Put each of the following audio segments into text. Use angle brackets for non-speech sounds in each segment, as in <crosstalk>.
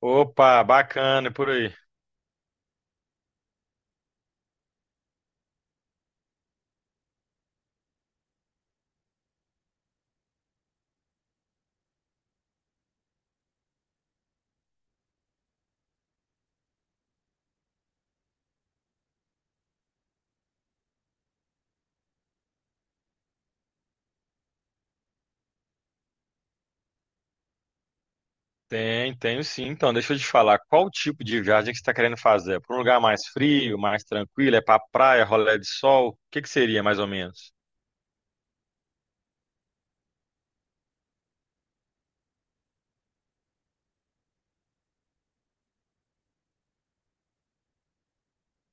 Opa, bacana, e por aí. Tem, tenho sim. Então, deixa eu te falar, qual tipo de viagem que você está querendo fazer? Para um lugar mais frio, mais tranquilo? É para praia, rolê de sol? O que que seria mais ou menos?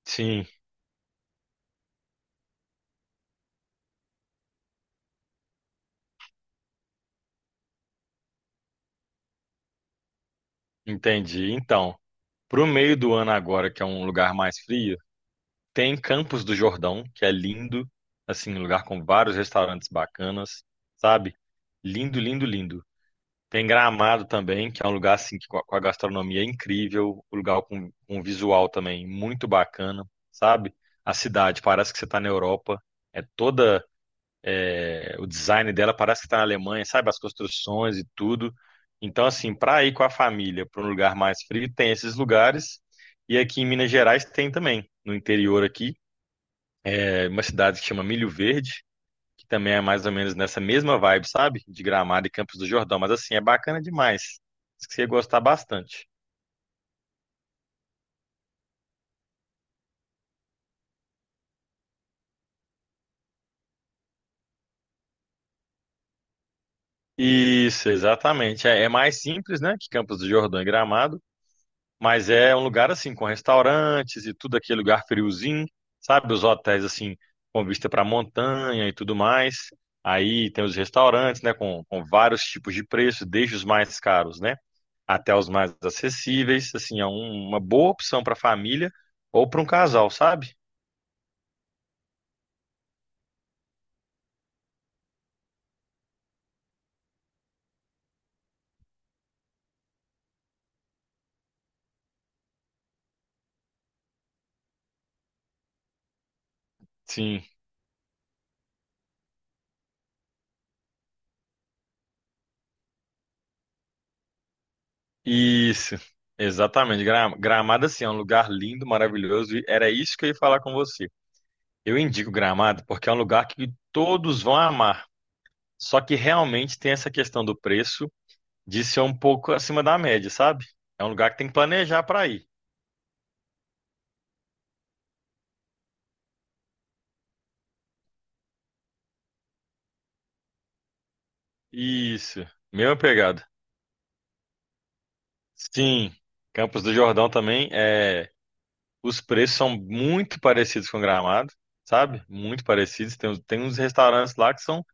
Sim, entendi. Então, para o meio do ano agora, que é um lugar mais frio, tem Campos do Jordão, que é lindo, assim, um lugar com vários restaurantes bacanas, sabe? Lindo, lindo, lindo. Tem Gramado também, que é um lugar assim que com a gastronomia é incrível, um lugar com um visual também muito bacana, sabe? A cidade parece que você está na Europa, é toda é, o design dela parece que está na Alemanha, sabe? As construções e tudo. Então assim, para ir com a família para um lugar mais frio tem esses lugares e aqui em Minas Gerais tem também, no interior aqui, é uma cidade que chama Milho Verde, que também é mais ou menos nessa mesma vibe, sabe? De Gramado e Campos do Jordão, mas assim, é bacana demais. Acho que você ia gostar bastante. Isso, exatamente. É mais simples, né, que Campos do Jordão e Gramado, mas é um lugar assim com restaurantes e tudo aquele lugar friozinho, sabe? Os hotéis assim com vista para montanha e tudo mais. Aí tem os restaurantes, né, com vários tipos de preço, desde os mais caros, né, até os mais acessíveis. Assim, uma boa opção para família ou para um casal, sabe? Sim, isso, exatamente. Gramado, assim, é um lugar lindo, maravilhoso, e era isso que eu ia falar com você. Eu indico Gramado porque é um lugar que todos vão amar, só que realmente tem essa questão do preço de ser um pouco acima da média, sabe? É um lugar que tem que planejar para ir. Isso, mesma pegada. Sim, Campos do Jordão também, é, os preços são muito parecidos com Gramado, sabe? Muito parecidos. Tem uns restaurantes lá que são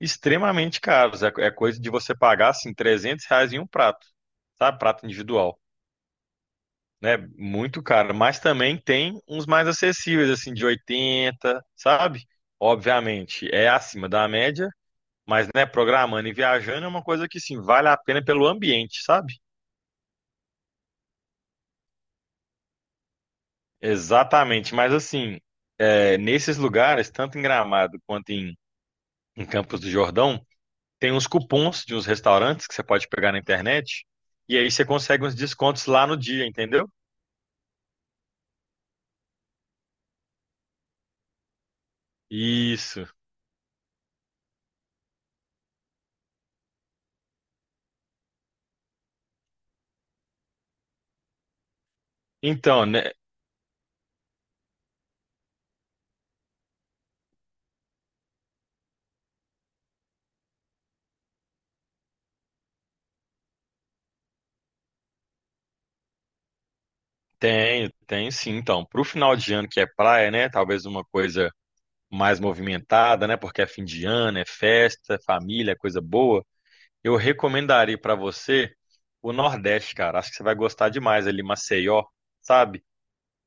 extremamente caros. É coisa de você pagar assim 300 reais em um prato, sabe? Prato individual, né? Muito caro. Mas também tem uns mais acessíveis, assim, de 80 sabe? Obviamente é acima da média, mas né, programando e viajando é uma coisa que sim, vale a pena pelo ambiente, sabe? Exatamente. Mas assim, é, nesses lugares, tanto em Gramado quanto em Campos do Jordão, tem uns cupons de uns restaurantes que você pode pegar na internet. E aí você consegue uns descontos lá no dia, entendeu? Isso. Então, né? Tem, tem sim. Então, pro final de ano que é praia, né? Talvez uma coisa mais movimentada, né? Porque é fim de ano, é festa, é família, é coisa boa. Eu recomendaria pra você o Nordeste, cara. Acho que você vai gostar demais ali, Maceió, sabe?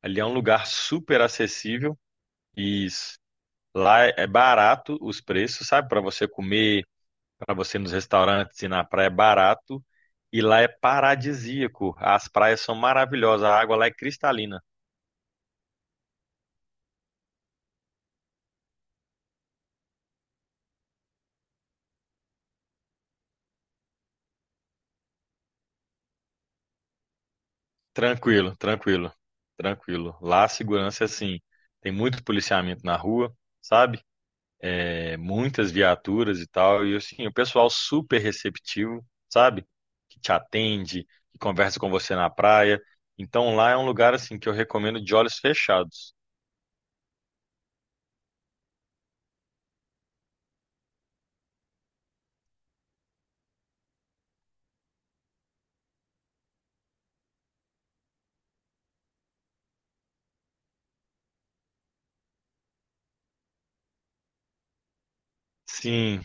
Ali é um lugar super acessível. E lá é barato os preços, sabe? Pra você comer para você ir nos restaurantes e na praia é barato e lá é paradisíaco. As praias são maravilhosas, a água lá é cristalina. Tranquilo, tranquilo, tranquilo. Lá a segurança é assim, tem muito policiamento na rua, sabe? É, muitas viaturas e tal, e assim, o pessoal super receptivo, sabe? Que te atende, que conversa com você na praia. Então lá é um lugar assim que eu recomendo de olhos fechados. Sim,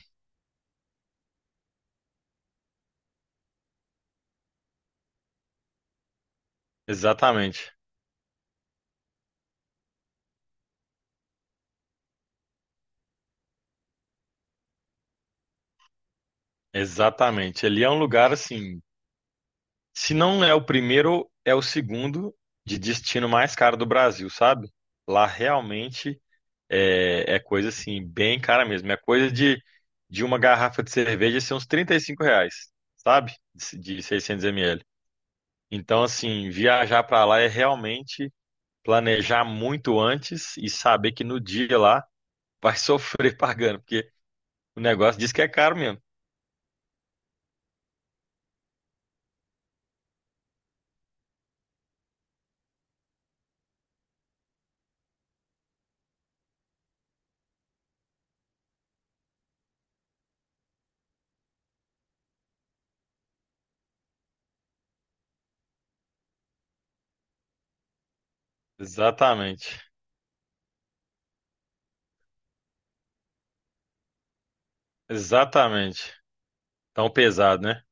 exatamente. Exatamente. Ele é um lugar assim. Se não é o primeiro, é o segundo de destino mais caro do Brasil, sabe? Lá realmente é coisa assim, bem cara mesmo. É coisa de uma garrafa de cerveja ser uns 35 reais, sabe? De 600 ml. Então, assim, viajar pra lá é realmente planejar muito antes e saber que no dia lá vai <laughs> sofrer pagando, porque o negócio diz que é caro mesmo. Exatamente. Exatamente. Tão pesado, né?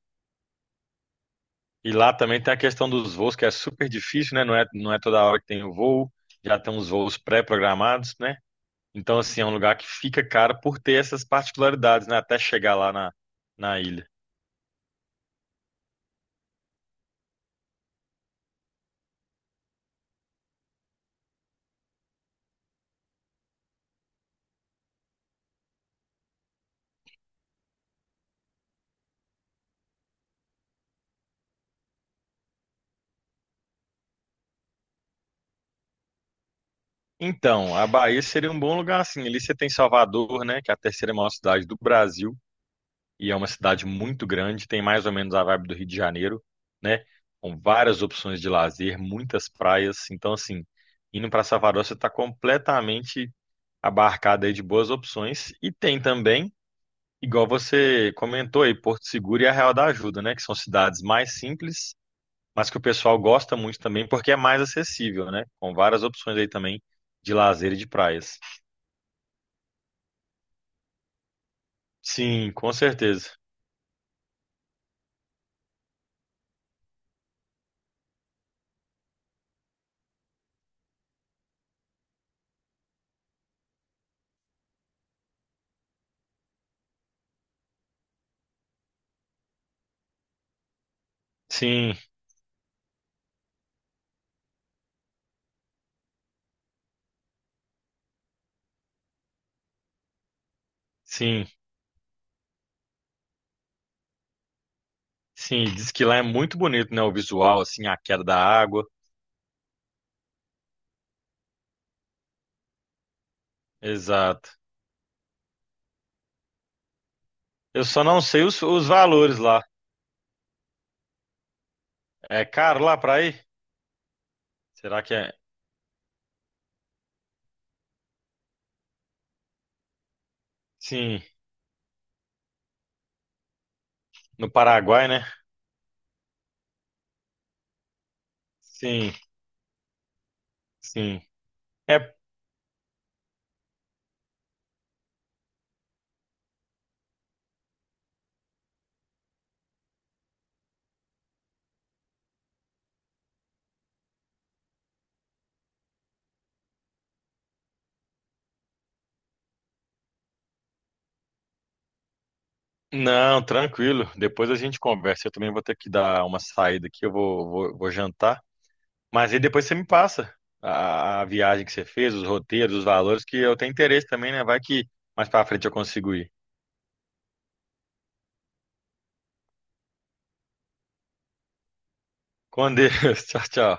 E lá também tem a questão dos voos, que é super difícil, né? Não é toda hora que tem o voo, já tem uns voos pré-programados, né? Então, assim, é um lugar que fica caro por ter essas particularidades, né? Até chegar lá na ilha. Então, a Bahia seria um bom lugar, assim. Ali você tem Salvador, né? Que é a terceira maior cidade do Brasil, e é uma cidade muito grande, tem mais ou menos a vibe do Rio de Janeiro, né? Com várias opções de lazer, muitas praias. Então, assim, indo para Salvador, você está completamente abarcada aí de boas opções. E tem também, igual você comentou aí, Porto Seguro e a Real da Ajuda, né? Que são cidades mais simples, mas que o pessoal gosta muito também porque é mais acessível, né? Com várias opções aí também de lazer e de praias. Sim, com certeza. Sim, sim, sim. Diz que lá é muito bonito, né? O visual, assim, a queda da água. Exato. Eu só não sei os, valores lá. É caro lá pra ir? Será que é? Sim, no Paraguai, né? Sim, sim. É. Não, tranquilo. Depois a gente conversa. Eu também vou ter que dar uma saída aqui. Eu vou jantar. Mas aí depois você me passa a viagem que você fez, os roteiros, os valores, que eu tenho interesse também, né? Vai que mais pra frente eu consigo ir. Com Deus. <laughs> Tchau, tchau.